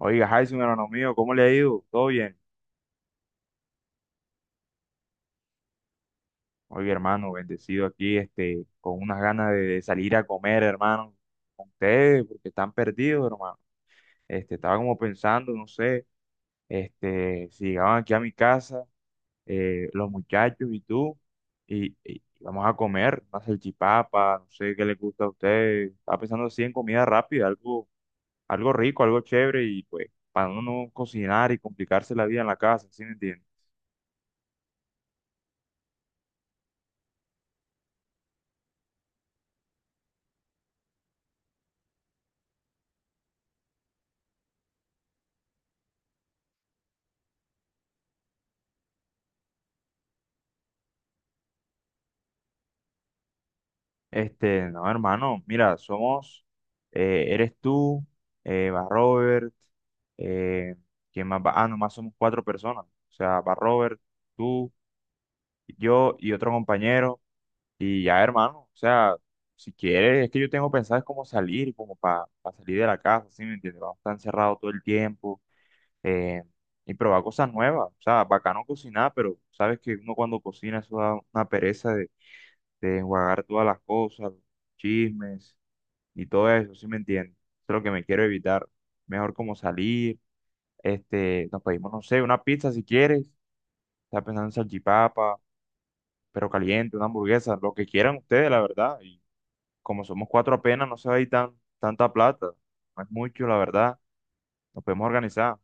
Oiga, Jason, hermano mío, ¿cómo le ha ido? ¿Todo bien? Oiga, hermano, bendecido aquí, con unas ganas de salir a comer, hermano, con ustedes, porque están perdidos, hermano. Estaba como pensando, no sé, si llegaban aquí a mi casa, los muchachos y tú, y vamos a comer una salchipapa, no sé qué les gusta a ustedes. Estaba pensando así en comida rápida, algo rico, algo chévere, y pues, para uno no cocinar y complicarse la vida en la casa, ¿sí me entiendes? No, hermano, mira, eres tú, va Robert, eh, ¿quién más va? Ah, nomás somos cuatro personas. O sea, va Robert, tú, yo y otro compañero. Y ya, hermano, o sea, si quieres, es que yo tengo pensado es cómo salir, como para salir de la casa, ¿sí me entiendes? Vamos a estar encerrados todo el tiempo eh, y probar cosas nuevas. O sea, bacano cocinar, pero sabes que uno cuando cocina eso da una pereza de enjuagar todas las cosas, los chismes y todo eso, ¿sí me entiendes? Eso es lo que me quiero evitar. Mejor como salir, nos pedimos, no sé, una pizza si quieres, está pensando en salchipapa, pero caliente, una hamburguesa, lo que quieran ustedes, la verdad. Y como somos cuatro apenas, no se va a ir tanta plata, no es mucho, la verdad, nos podemos organizar.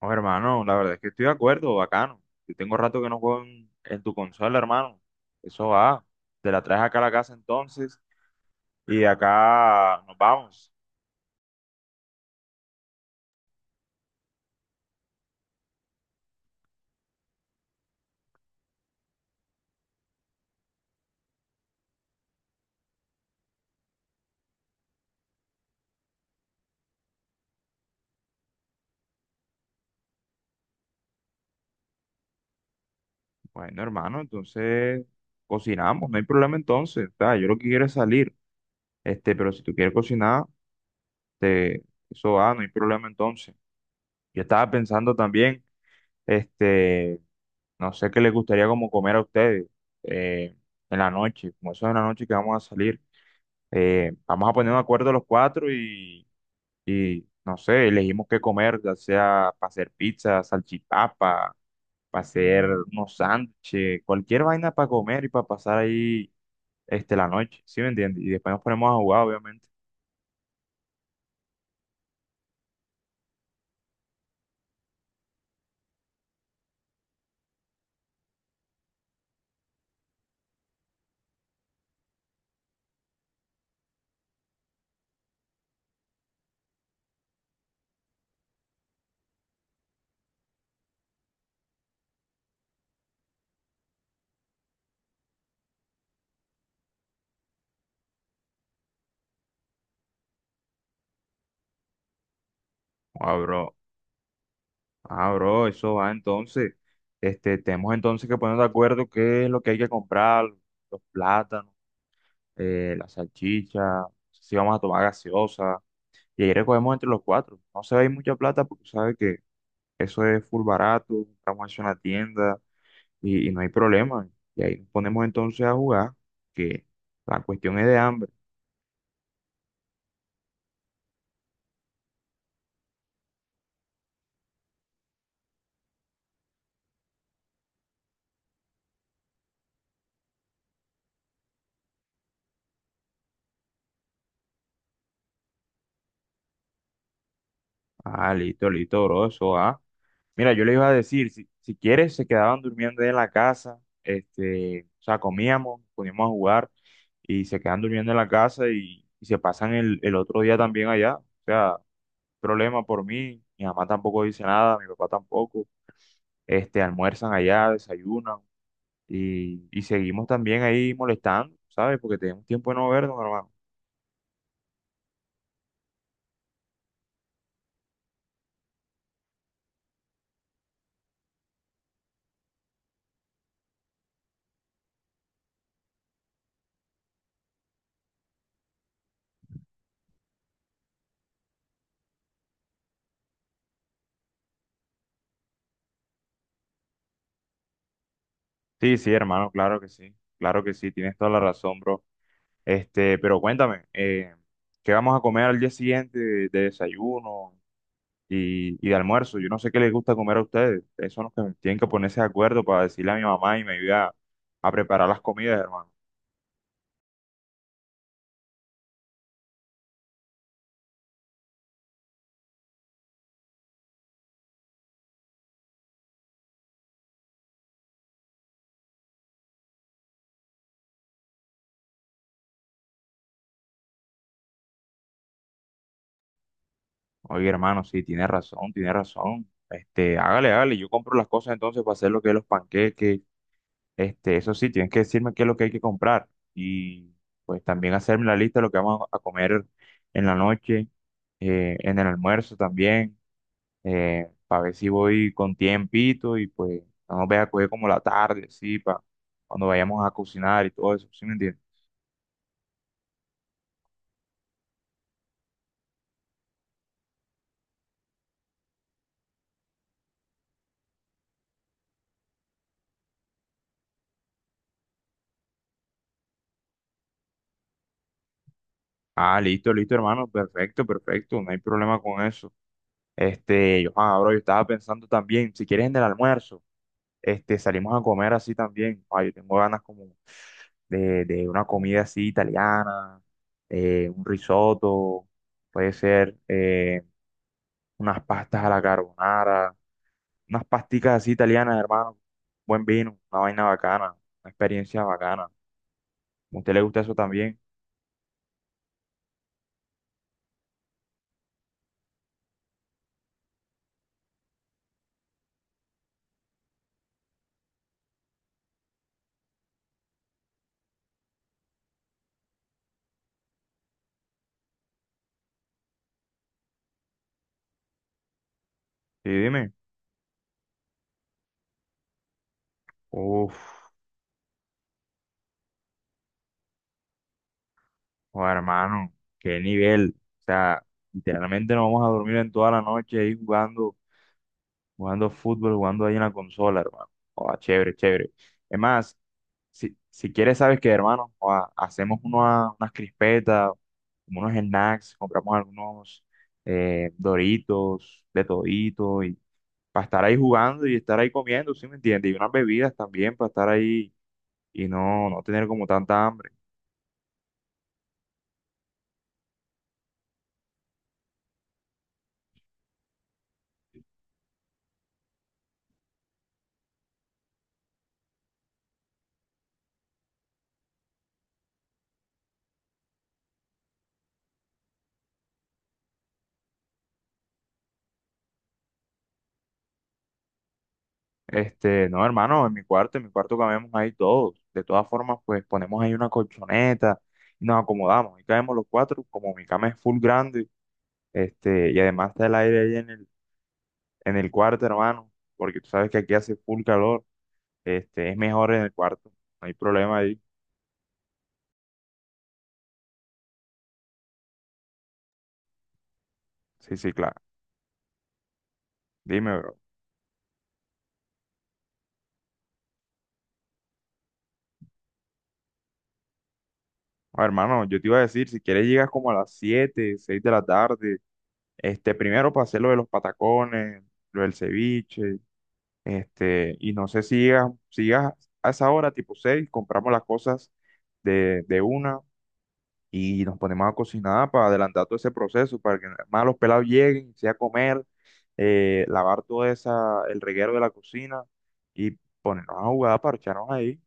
No, hermano, la verdad es que estoy de acuerdo, bacano. Yo tengo rato que no juego en tu consola, hermano. Eso va. Te la traes acá a la casa entonces y de acá nos vamos. Bueno, hermano, entonces cocinamos, no hay problema entonces. O sea, yo lo que quiero es salir, pero si tú quieres cocinar, te, eso va, no hay problema entonces. Yo estaba pensando también, este, no sé qué les gustaría como comer a ustedes eh, en la noche, como eso es en la noche que vamos a salir. Vamos a poner un acuerdo los cuatro y no sé, elegimos qué comer, ya sea para hacer pizza, salchipapa, para hacer unos sándwiches, cualquier vaina para comer y para pasar ahí la noche, ¿sí me entiendes? Y después nos ponemos a jugar, obviamente. Ah, bro, ah, bro, eso va entonces. Tenemos entonces que ponernos de acuerdo qué es lo que hay que comprar, los plátanos, la salchicha, si vamos a tomar gaseosa. Y ahí recogemos entre los cuatro. No se va a ir mucha plata porque sabes que eso es full barato, compramos eso en la tienda y no hay problema. Y ahí nos ponemos entonces a jugar, que la cuestión es de hambre. Ah, listo, listo, bro, eso, ah. Mira, yo le iba a decir, si quieres, se quedaban durmiendo ahí en la casa, o sea, comíamos, poníamos a jugar y se quedan durmiendo en la casa y se pasan el otro día también allá. O sea, problema por mí, mi mamá tampoco dice nada, mi papá tampoco, almuerzan allá, desayunan y seguimos también ahí molestando, ¿sabes? Porque tenemos tiempo de no vernos, hermano. Sí, sí, hermano, claro que sí, tienes toda la razón, bro. Pero cuéntame, ¿qué vamos a comer al día siguiente de desayuno y de almuerzo? Yo no sé qué les gusta comer a ustedes. Ustedes son los que tienen que ponerse de acuerdo para decirle a mi mamá y me ayuda a preparar las comidas, hermano. Oye, hermano, sí, tiene razón, tiene razón. Hágale, hágale, yo compro las cosas entonces para hacer lo que es los panqueques. Eso sí, tienes que decirme qué es lo que hay que comprar y pues también hacerme la lista de lo que vamos a comer en la noche, en el almuerzo también. Para ver si voy con tiempito y pues no nos vaya a coger como la tarde, sí, para cuando vayamos a cocinar y todo eso, ¿sí me entiendes? Ah, listo, listo, hermano, perfecto, perfecto, no hay problema con eso. Yo estaba pensando también, si quieres en el almuerzo, salimos a comer así también. Ah, yo tengo ganas como de una comida así italiana, un risotto, puede ser unas pastas a la carbonara, unas pasticas así italianas, hermano. Buen vino, una vaina bacana, una experiencia bacana. ¿A usted le gusta eso también? Sí, dime. Uf, oh, hermano, qué nivel. O sea, literalmente nos vamos a dormir en toda la noche ahí jugando, jugando fútbol, jugando ahí en la consola, hermano. Oh, chévere, chévere. Es más, si quieres, sabes que, hermano, joda, hacemos unas crispetas, como unos snacks, compramos algunos Doritos, de todito para estar ahí jugando y estar ahí comiendo, ¿sí me entiendes? Y unas bebidas también para estar ahí y no tener como tanta hambre. No, hermano, en mi cuarto cabemos ahí todos. De todas formas, pues ponemos ahí una colchoneta y nos acomodamos. Y caemos los cuatro, como mi cama es full grande, y además está el aire ahí en el cuarto, hermano, porque tú sabes que aquí hace full calor. Es mejor en el cuarto, no hay problema ahí. Sí, sí, claro. Dime, bro. Ah, hermano, yo te iba a decir, si quieres llegas como a las 7, 6 de la tarde. Primero para hacer lo de los patacones, lo del ceviche, y no sé si llegas, si llegas a esa hora, tipo 6 compramos las cosas de una y nos ponemos a cocinar para adelantar todo ese proceso, para que más los pelados lleguen, sea comer, lavar todo esa, el reguero de la cocina y ponernos a jugar, parcharnos ahí.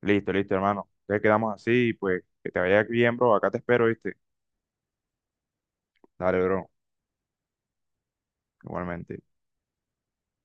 Listo, listo, hermano. Entonces quedamos así, pues que te vaya bien, bro. Acá te espero, ¿viste? Dale, bro. Igualmente.